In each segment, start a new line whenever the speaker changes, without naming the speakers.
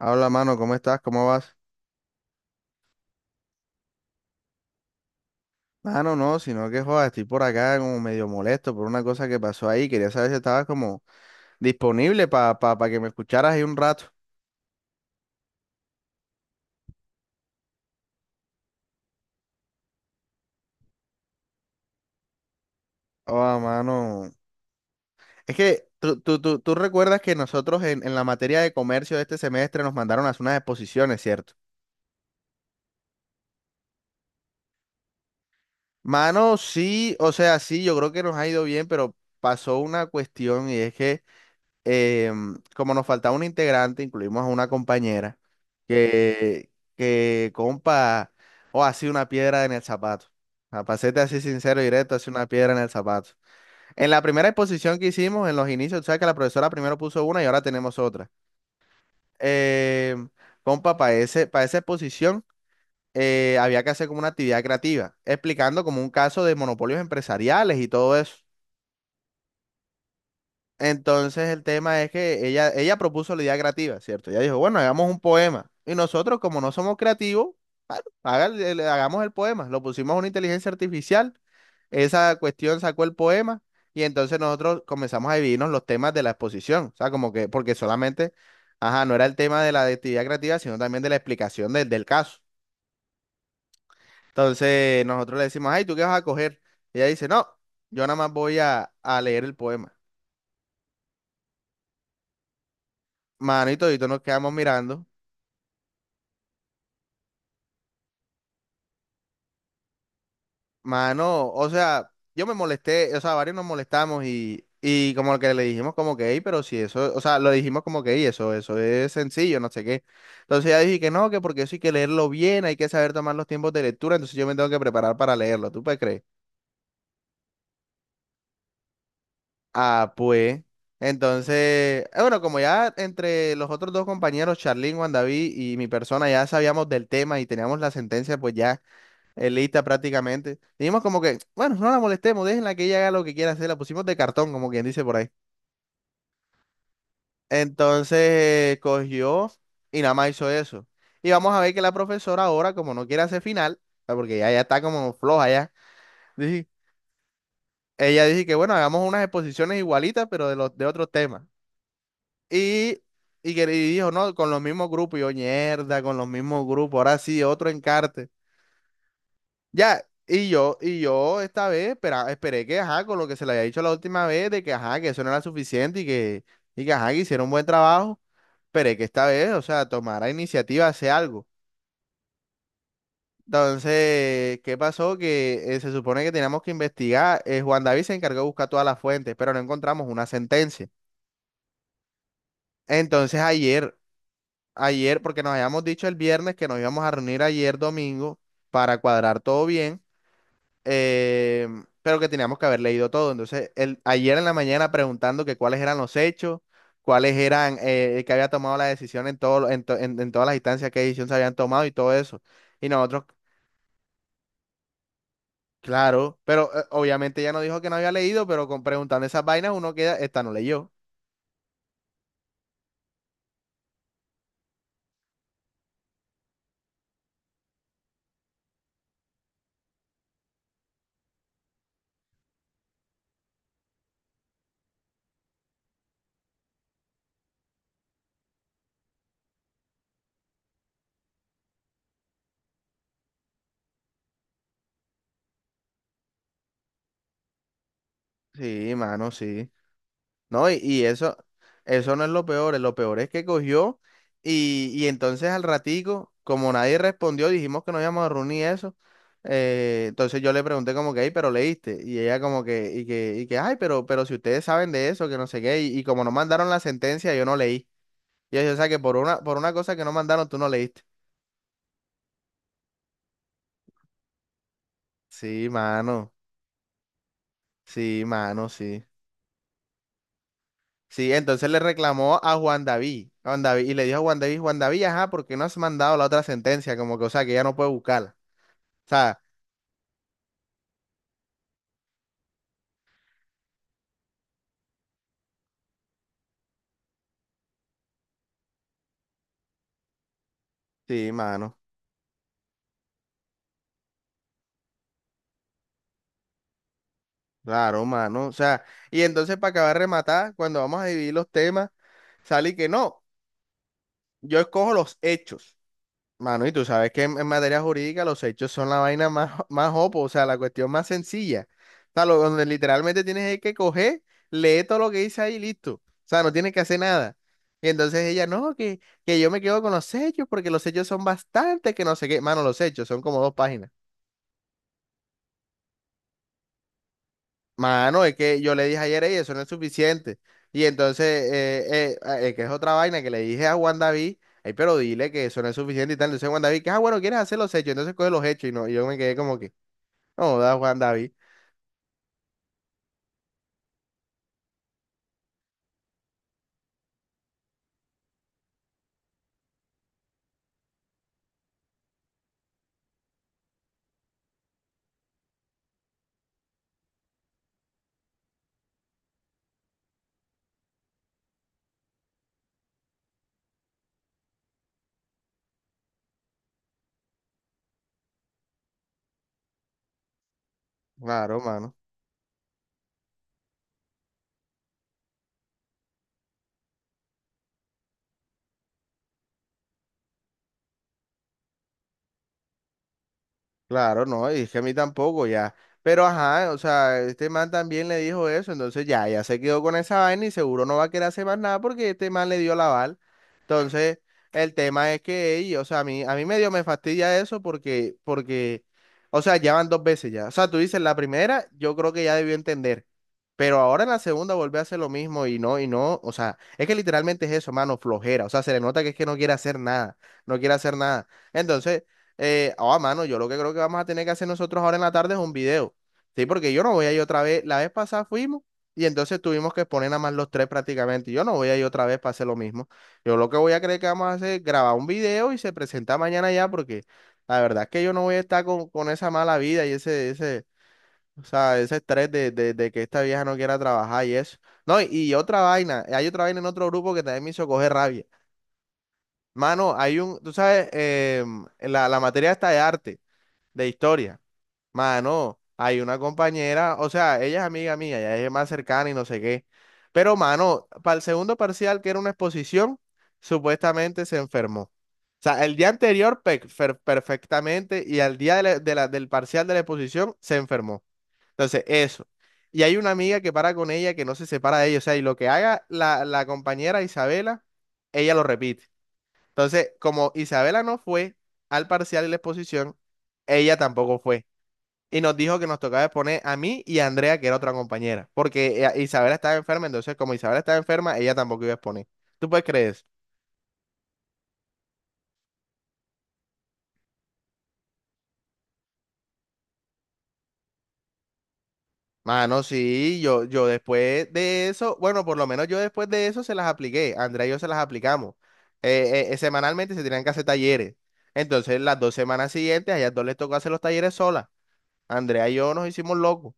Habla, mano, ¿cómo estás? ¿Cómo vas? Mano, no, sino que joda, estoy por acá como medio molesto por una cosa que pasó ahí. Quería saber si estabas como disponible para pa que me escucharas ahí un rato. Oh, mano. Es que tú recuerdas que nosotros en la materia de comercio de este semestre nos mandaron a hacer unas exposiciones, ¿cierto? Mano, sí, o sea, sí, yo creo que nos ha ido bien, pero pasó una cuestión y es que. Como nos faltaba un integrante, incluimos a una compañera que compa, o así una piedra en el zapato. A pasete así sincero y directo, así una piedra en el zapato. En la primera exposición que hicimos, en los inicios, tú sabes que la profesora primero puso una y ahora tenemos otra. Em, Compa, para esa exposición había que hacer como una actividad creativa, explicando como un caso de monopolios empresariales y todo eso. Entonces el tema es que ella propuso la idea creativa, ¿cierto? Ella dijo, bueno, hagamos un poema. Y nosotros, como no somos creativos, bueno, hagamos el poema. Lo pusimos a una inteligencia artificial, esa cuestión sacó el poema y entonces nosotros comenzamos a dividirnos los temas de la exposición. O sea, como que, porque solamente, ajá, no era el tema de la de actividad creativa, sino también de la explicación del caso. Entonces nosotros le decimos, ay, ¿tú qué vas a coger? Ella dice, no, yo nada más voy a leer el poema. Manito, y todos nos quedamos mirando. Mano, o sea, yo me molesté, o sea, varios nos molestamos y como que le dijimos como que, "Ey, pero si eso, o sea, lo dijimos como que, "Ey, eso es sencillo, no sé qué. Entonces ella dije que no, que porque eso hay que leerlo bien, hay que saber tomar los tiempos de lectura, entonces yo me tengo que preparar para leerlo, ¿tú puedes creer? Ah, pues, entonces, bueno, como ya entre los otros dos compañeros, Charlín, Juan David y mi persona, ya sabíamos del tema y teníamos la sentencia, pues ya. Elita prácticamente. Dijimos como que, bueno, no la molestemos, déjenla que ella haga lo que quiera hacer. La pusimos de cartón, como quien dice por ahí. Entonces cogió y nada más hizo eso. Y vamos a ver que la profesora ahora, como no quiere hacer final, ah, porque ya está como floja ya, dije- ella dice que bueno, hagamos unas exposiciones igualitas, pero de los de otros temas. Y, y dijo, no, con los mismos grupos. Y yo, mierda, con los mismos grupos. Ahora sí, otro encarte. Ya, y yo esta vez esperé que, ajá, con lo que se le había dicho la última vez, de que, ajá, que eso no era suficiente ajá, que hicieron un buen trabajo, esperé que esta vez, o sea, tomara iniciativa, hace algo. Entonces, ¿qué pasó? Que se supone que teníamos que investigar, Juan David se encargó de buscar todas las fuentes, pero no encontramos una sentencia. Entonces, ayer, porque nos habíamos dicho el viernes que nos íbamos a reunir ayer domingo para cuadrar todo bien. eh, pero que teníamos que haber leído todo. Entonces, el, ayer en la mañana preguntando que cuáles eran los hechos, cuáles eran el que había tomado la decisión en, todo, en todas las instancias, qué decisión se habían tomado y todo eso. Y nosotros, claro, pero obviamente ya no dijo que no había leído, pero con, preguntando esas vainas uno queda, esta no leyó. Sí, mano, sí. No, y eso no es lo peor es que cogió y entonces al ratico, como nadie respondió, dijimos que no íbamos a reunir y eso, entonces yo le pregunté como que, "Ey, pero leíste, y ella como que, ay, pero si ustedes saben de eso, que no sé qué, y como no mandaron la sentencia, yo no leí. Y yo, o sea que por una cosa que no mandaron, tú no leíste. Sí, mano, sí, mano, sí. Sí, entonces le reclamó a Juan David, y le dijo a Juan David, Juan David, ajá, ¿por qué no has mandado la otra sentencia? Como que, o sea, que ya no puede buscarla. O sea, sí, mano, claro, mano. O sea, y entonces para acabar de rematar, cuando vamos a dividir los temas, sale que no, yo escojo los hechos. Mano, y tú sabes que en materia jurídica los hechos son la vaina más, más opo, o sea, la cuestión más sencilla. O sea, lo, donde literalmente tienes es que coger, leer todo lo que dice ahí y listo. O sea, no tienes que hacer nada. Y entonces ella, no, que yo me quedo con los hechos porque los hechos son bastantes, que no sé qué. Mano, los hechos son como dos páginas. Mano, es que yo le dije ayer, ella, eso no es suficiente. Y entonces, que es otra vaina que le dije a Juan David, ay, pero dile que eso no es suficiente y tal. Entonces Juan David, que, ah, bueno, quieres hacer los hechos, entonces coge los hechos y no, y yo me quedé como que. No, da Juan David. Claro, mano. Claro, no, y es que a mí tampoco ya. Pero ajá, o sea, este man también le dijo eso, entonces ya se quedó con esa vaina y seguro no va a querer hacer más nada porque este man le dio la aval. Entonces, el tema es que, ey, o sea, a mí medio me fastidia eso o sea, ya van dos veces ya. O sea, tú dices, la primera, yo creo que ya debió entender. Pero ahora en la segunda vuelve a hacer lo mismo y no, o sea, es que literalmente es eso, mano, flojera. O sea, se le nota que es que no quiere hacer nada, no quiere hacer nada. Entonces, mano, yo lo que creo que vamos a tener que hacer nosotros ahora en la tarde es un video. Sí, porque yo no voy a ir otra vez. La vez pasada fuimos y entonces tuvimos que exponer nada más los tres prácticamente. Yo no voy a ir otra vez para hacer lo mismo. Yo lo que voy a creer que vamos a hacer es grabar un video y se presenta mañana ya, porque la verdad es que yo no voy a estar con esa mala vida y ese, o sea, ese estrés de que esta vieja no quiera trabajar y eso. No, y otra vaina, hay otra vaina en otro grupo que también me hizo coger rabia. Mano, hay un, tú sabes, la materia está de arte de historia. Mano, hay una compañera, o sea, ella es amiga mía, ya es más cercana y no sé qué. Pero, mano, para el segundo parcial, que era una exposición, supuestamente se enfermó. O sea, el día anterior perfectamente y al día del parcial de la exposición se enfermó. Entonces, eso. Y hay una amiga que para con ella, que no se separa de ella. O sea, y lo que haga la compañera Isabela, ella lo repite. Entonces, como Isabela no fue al parcial de la exposición, ella tampoco fue y nos dijo que nos tocaba poner a mí y a Andrea, que era otra compañera, porque Isabela estaba enferma, entonces como Isabela estaba enferma, ella tampoco iba a exponer. ¿Tú puedes creer eso? Mano, sí, yo después de eso, bueno, por lo menos yo después de eso se las apliqué, Andrea y yo se las aplicamos. Semanalmente se tenían que hacer talleres. Entonces, las dos semanas siguientes, a ellas dos les tocó hacer los talleres solas. Andrea y yo nos hicimos locos.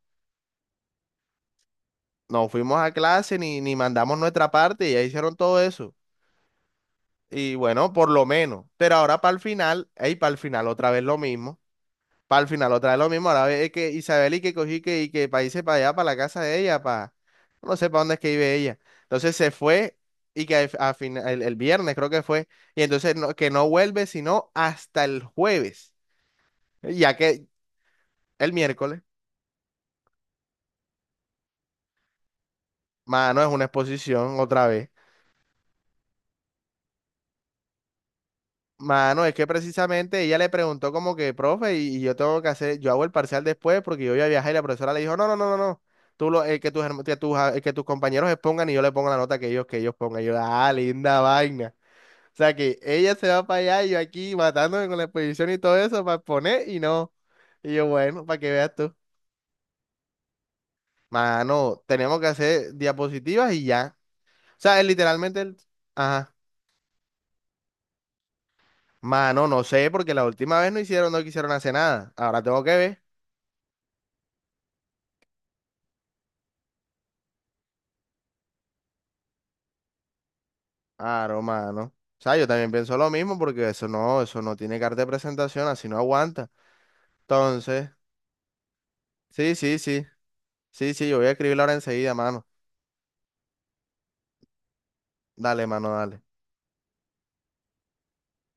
No fuimos a clase ni mandamos nuestra parte, y ellas hicieron todo eso. Y bueno, por lo menos. Pero ahora para el final, ey, para el final otra vez lo mismo. Para el final otra vez lo mismo. Ahora ve que Isabel y que cogí que, y que para irse para allá, para la casa de ella, para... No sé para dónde es que vive ella. Entonces se fue y que el viernes creo que fue. Y entonces que no vuelve sino hasta el jueves. Ya que el miércoles, mano, es una exposición otra vez. Mano, es que precisamente ella le preguntó como que, profe, y yo tengo que hacer, yo hago el parcial después porque yo voy a viajar y la profesora le dijo, no, no, no, no, no, tú lo, que tus, que tus, que tus compañeros expongan y yo le pongo la nota que ellos pongan. Y yo, ah, linda vaina. O sea que ella se va para allá y yo aquí matándome con la exposición y todo eso para exponer y no. Y yo, bueno, para que veas tú. Mano, tenemos que hacer diapositivas y ya. O sea, es literalmente el... Ajá. Mano, no sé, porque la última vez no hicieron, no quisieron hacer nada. Ahora tengo que ver. Claro, mano. O sea, yo también pienso lo mismo porque eso no tiene carta de presentación, así no aguanta. Entonces, sí, sí, sí, sí, yo voy a escribirla ahora enseguida, mano. Dale, mano, dale.